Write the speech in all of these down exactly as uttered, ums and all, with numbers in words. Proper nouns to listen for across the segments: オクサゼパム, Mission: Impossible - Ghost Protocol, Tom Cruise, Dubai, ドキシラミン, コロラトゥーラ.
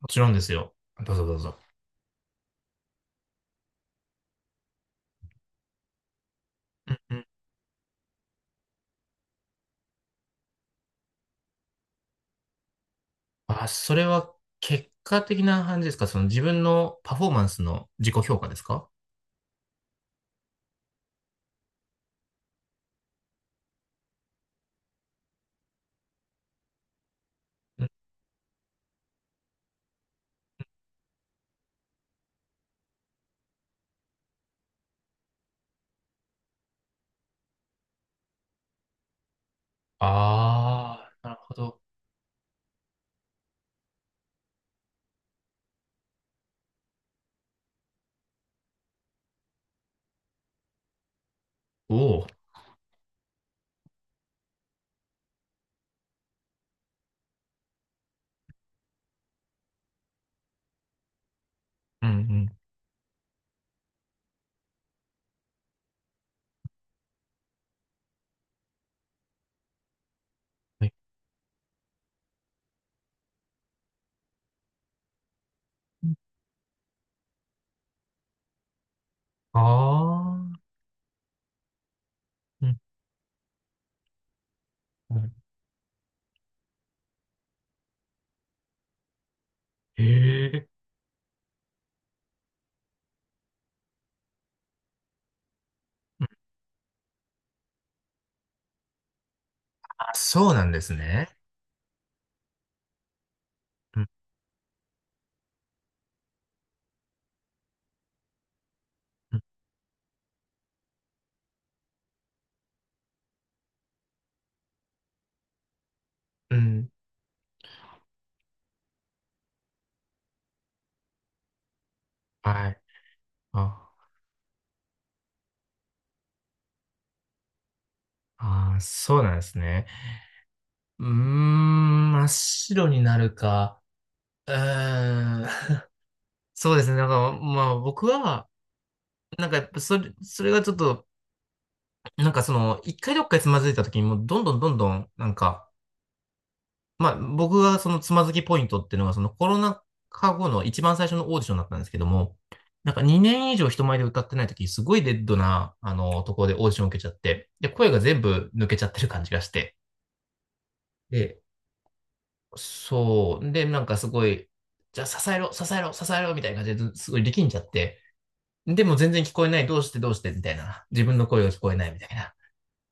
もちろんですよ。どうぞどうぞ。うんうん。あ、それは結果的な感じですか？その自分のパフォーマンスの自己評価ですか？うん。ああ、なるほど。おお。うんうん。はい。ああ。うんうん。へえ。うん。あ、そうなんですね。うんうん。うん。はい。あ、あー、そうなんですね。うーん、真っ白になるか。うーん。そうですね。なんか、まあ僕は、なんかやっぱそれ、それがちょっと、なんかその、一回どっかでつまずいた時にもうどんどんどんどん、なんか、まあ僕がそのつまずきポイントっていうのがそのコロナ禍後の一番最初のオーディションだったんですけども、なんかにねん以上人前で歌ってない時、すごいデッドな、あの、ところでオーディション受けちゃって、で、声が全部抜けちゃってる感じがして、で、そう、で、なんかすごい、じゃあ支えろ、支えろ、支えろ、みたいな感じですごい力んじゃって、でも全然聞こえない、どうしてどうして、みたいな、自分の声が聞こえない、みたいな。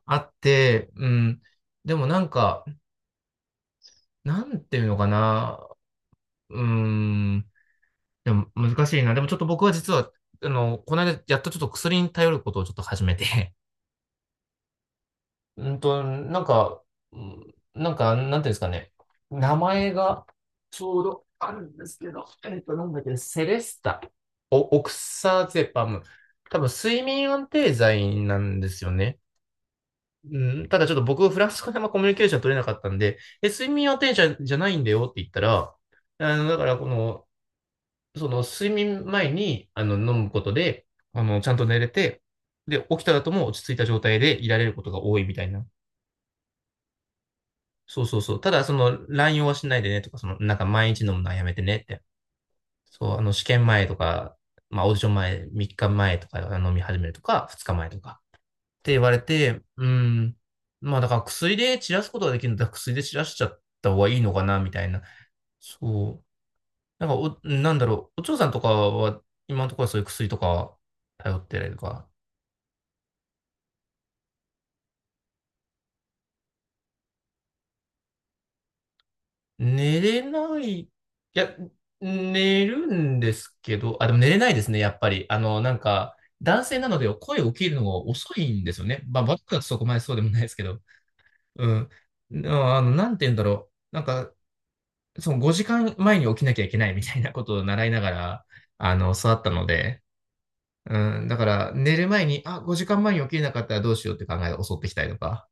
あって、うん。でもなんか、なんていうのかな。うん。でも難しいな。でもちょっと僕は実は、あの、この間やっとちょっと薬に頼ることをちょっと始めて。うんと、なんか、うんなんか、なんていうんですかね。名前がちょうどあるんですけど、えっと、なんだっけね、セレスタ。お、オクサゼパム。多分、睡眠安定剤なんですよね。うん、ただちょっと僕、フランス語であんまコミュニケーション取れなかったんで、え、睡眠はテンションじゃないんだよって言ったら、あの、だからこの、その睡眠前に、あの、飲むことで、あの、ちゃんと寝れて、で、起きた後も落ち着いた状態でいられることが多いみたいな。そうそうそう。ただ、その、乱用はしないでねとか、その、なんか毎日飲むのはやめてねって。そう、あの、試験前とか、まあ、オーディション前、みっかまえとか飲み始めるとか、ふつかまえとか。って言われて、うん。まあだから薬で散らすことができるんだら薬で散らしちゃった方がいいのかな、みたいな。そう。なんかお、なんだろう。お嬢さんとかは、今のところはそういう薬とか頼ってるとか。寝れない。いや、寝るんですけど、あ、でも寝れないですね、やっぱり。あの、なんか、男性なので声を起きるのが遅いんですよね。まあ、僕はそこまでそうでもないですけど。うん。あの、なんて言うんだろう。なんか、そのごじかんまえに起きなきゃいけないみたいなことを習いながら、あの、育ったので、うん、だから寝る前に、あ、ごじかんまえに起きれなかったらどうしようって考えが襲ってきたりとか。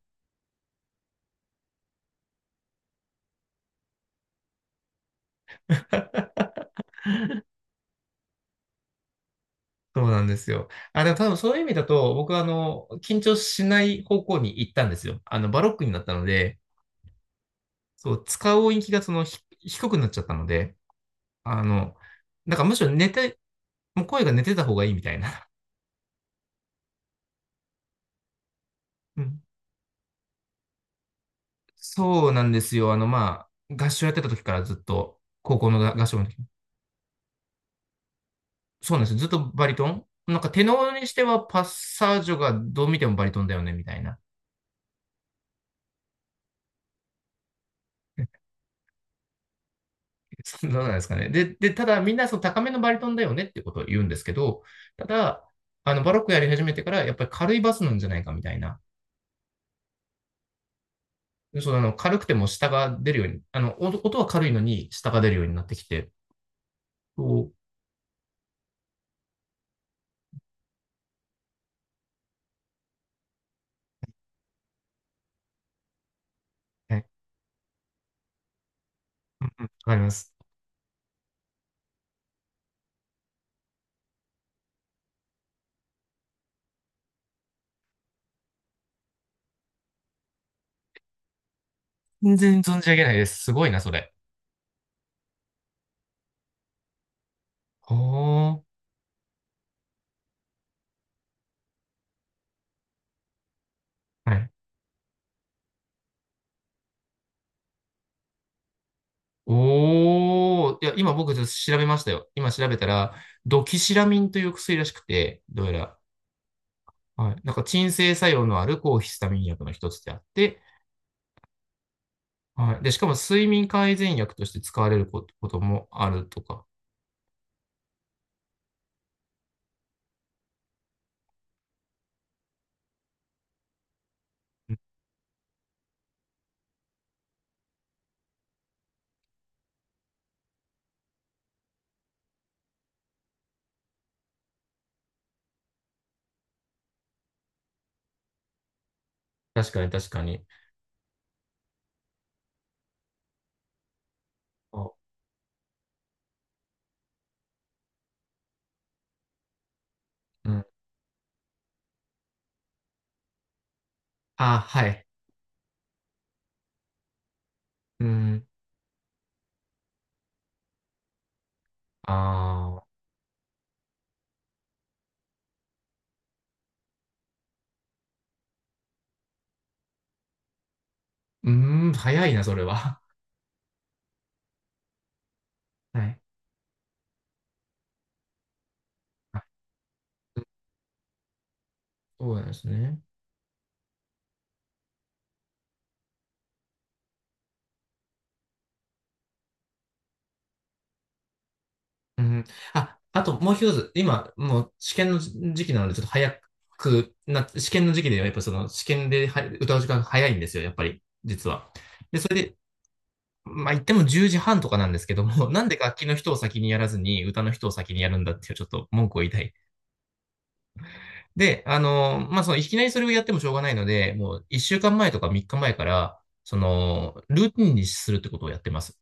そうなんですよ。あ、でも多分そういう意味だと、僕はあの、緊張しない方向に行ったんですよ。あの、バロックになったので、そう、使う音域がその、ひ低くなっちゃったので、あの、なんからむしろ寝て、もう声が寝てた方がいいみたいな。うん。そうなんですよ。あの、まあ、合唱やってた時からずっと、高校の合唱の時そうなんですよ。ずっとバリトンなんかテノールにしてはパッサージョがどう見てもバリトンだよね、みたいな。そうどうなんですかね。で、で、ただみんなその高めのバリトンだよねってことを言うんですけど、ただ、あの、バロックやり始めてからやっぱり軽いバスなんじゃないかみたいな。そう、あの、軽くても下が出るように、あの、音音は軽いのに下が出るようになってきて、おはい、わかります。全然存じ上げないです。すごいな、それ。ほー。はい。おー、いや、今僕ちょっと調べましたよ。今調べたら、ドキシラミンという薬らしくて、どうやら、はい、なんか鎮静作用のある抗ヒスタミン薬の一つであって、はい、で、しかも睡眠改善薬として使われることこともあるとか。うん、確かに確かに。あ、うん。あ、はい。うん。ああ、うーん、早いな、それは。はい。はい、そうなんですね。うん。あ、あともう一つ、今、もう試験の時期なので、ちょっと早くな、試験の時期では、やっぱその試験では歌う時間が早いんですよ、やっぱり、実は。で、それで、まあ言ってもじゅうじはんとかなんですけども、なんで楽器の人を先にやらずに、歌の人を先にやるんだっていう、ちょっと文句を言いたい。で、あの、まあその、いきなりそれをやってもしょうがないので、もういっしゅうかんまえとかみっかまえから、その、ルーティンにするってことをやってます。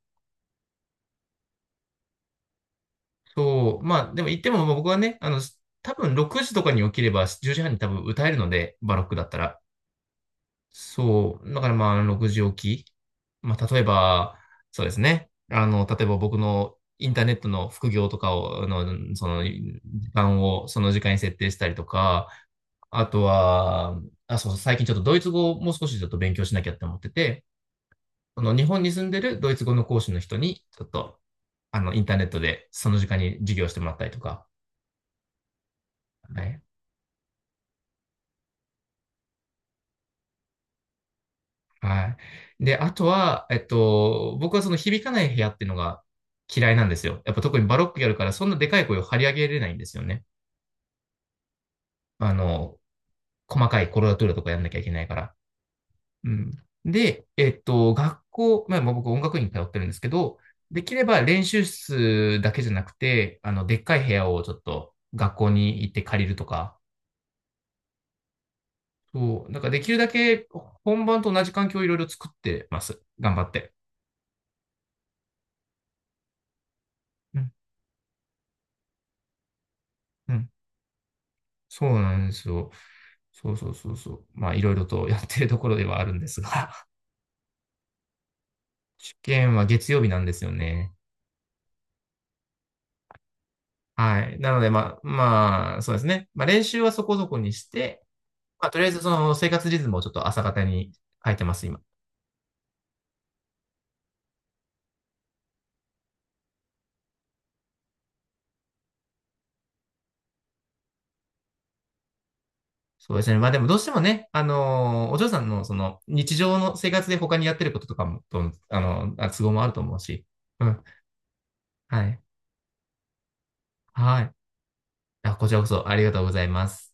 そう、まあ、でも言っても、まあ僕はね、あの、多分ろくじとかに起きればじゅうじはんに多分歌えるので、バロックだったら。そう、だからまあ、ろくじ起き。まあ、例えば、そうですね。あの、例えば僕のインターネットの副業とかを、あの、その、時間をその時間に設定したりとか、あとは、あ、そう、最近ちょっとドイツ語をもう少しちょっと勉強しなきゃって思ってて、その日本に住んでるドイツ語の講師の人に、ちょっと、あの、インターネットでその時間に授業してもらったりとか、はい。はい。で、あとは、えっと、僕はその響かない部屋っていうのが嫌いなんですよ。やっぱ特にバロックやるから、そんなでかい声を張り上げれないんですよね。あの、細かいコロラトゥーラとかやんなきゃいけないから。うん。で、えっと、学校、まあまあ僕音楽院に通ってるんですけど、できれば練習室だけじゃなくて、あの、でっかい部屋をちょっと学校に行って借りるとか、そう、なんかできるだけ本番と同じ環境をいろいろ作ってます。頑張って。うん、うん。そうなんですよ。そうそうそうそう。まあ、いろいろとやってるところではあるんですが、試験は月曜日なんですよね。はい。なので、まあ、まあ、そうですね。まあ、練習はそこそこにして、まあ、とりあえずその生活リズムをちょっと朝方に変えてます、今。そうですね。まあ、でもどうしてもね、あのーお嬢さんのその日常の生活で他にやってることとかも、とあの、あ都合もあると思うし。うん。はい。はい。あ、こちらこそありがとうございます。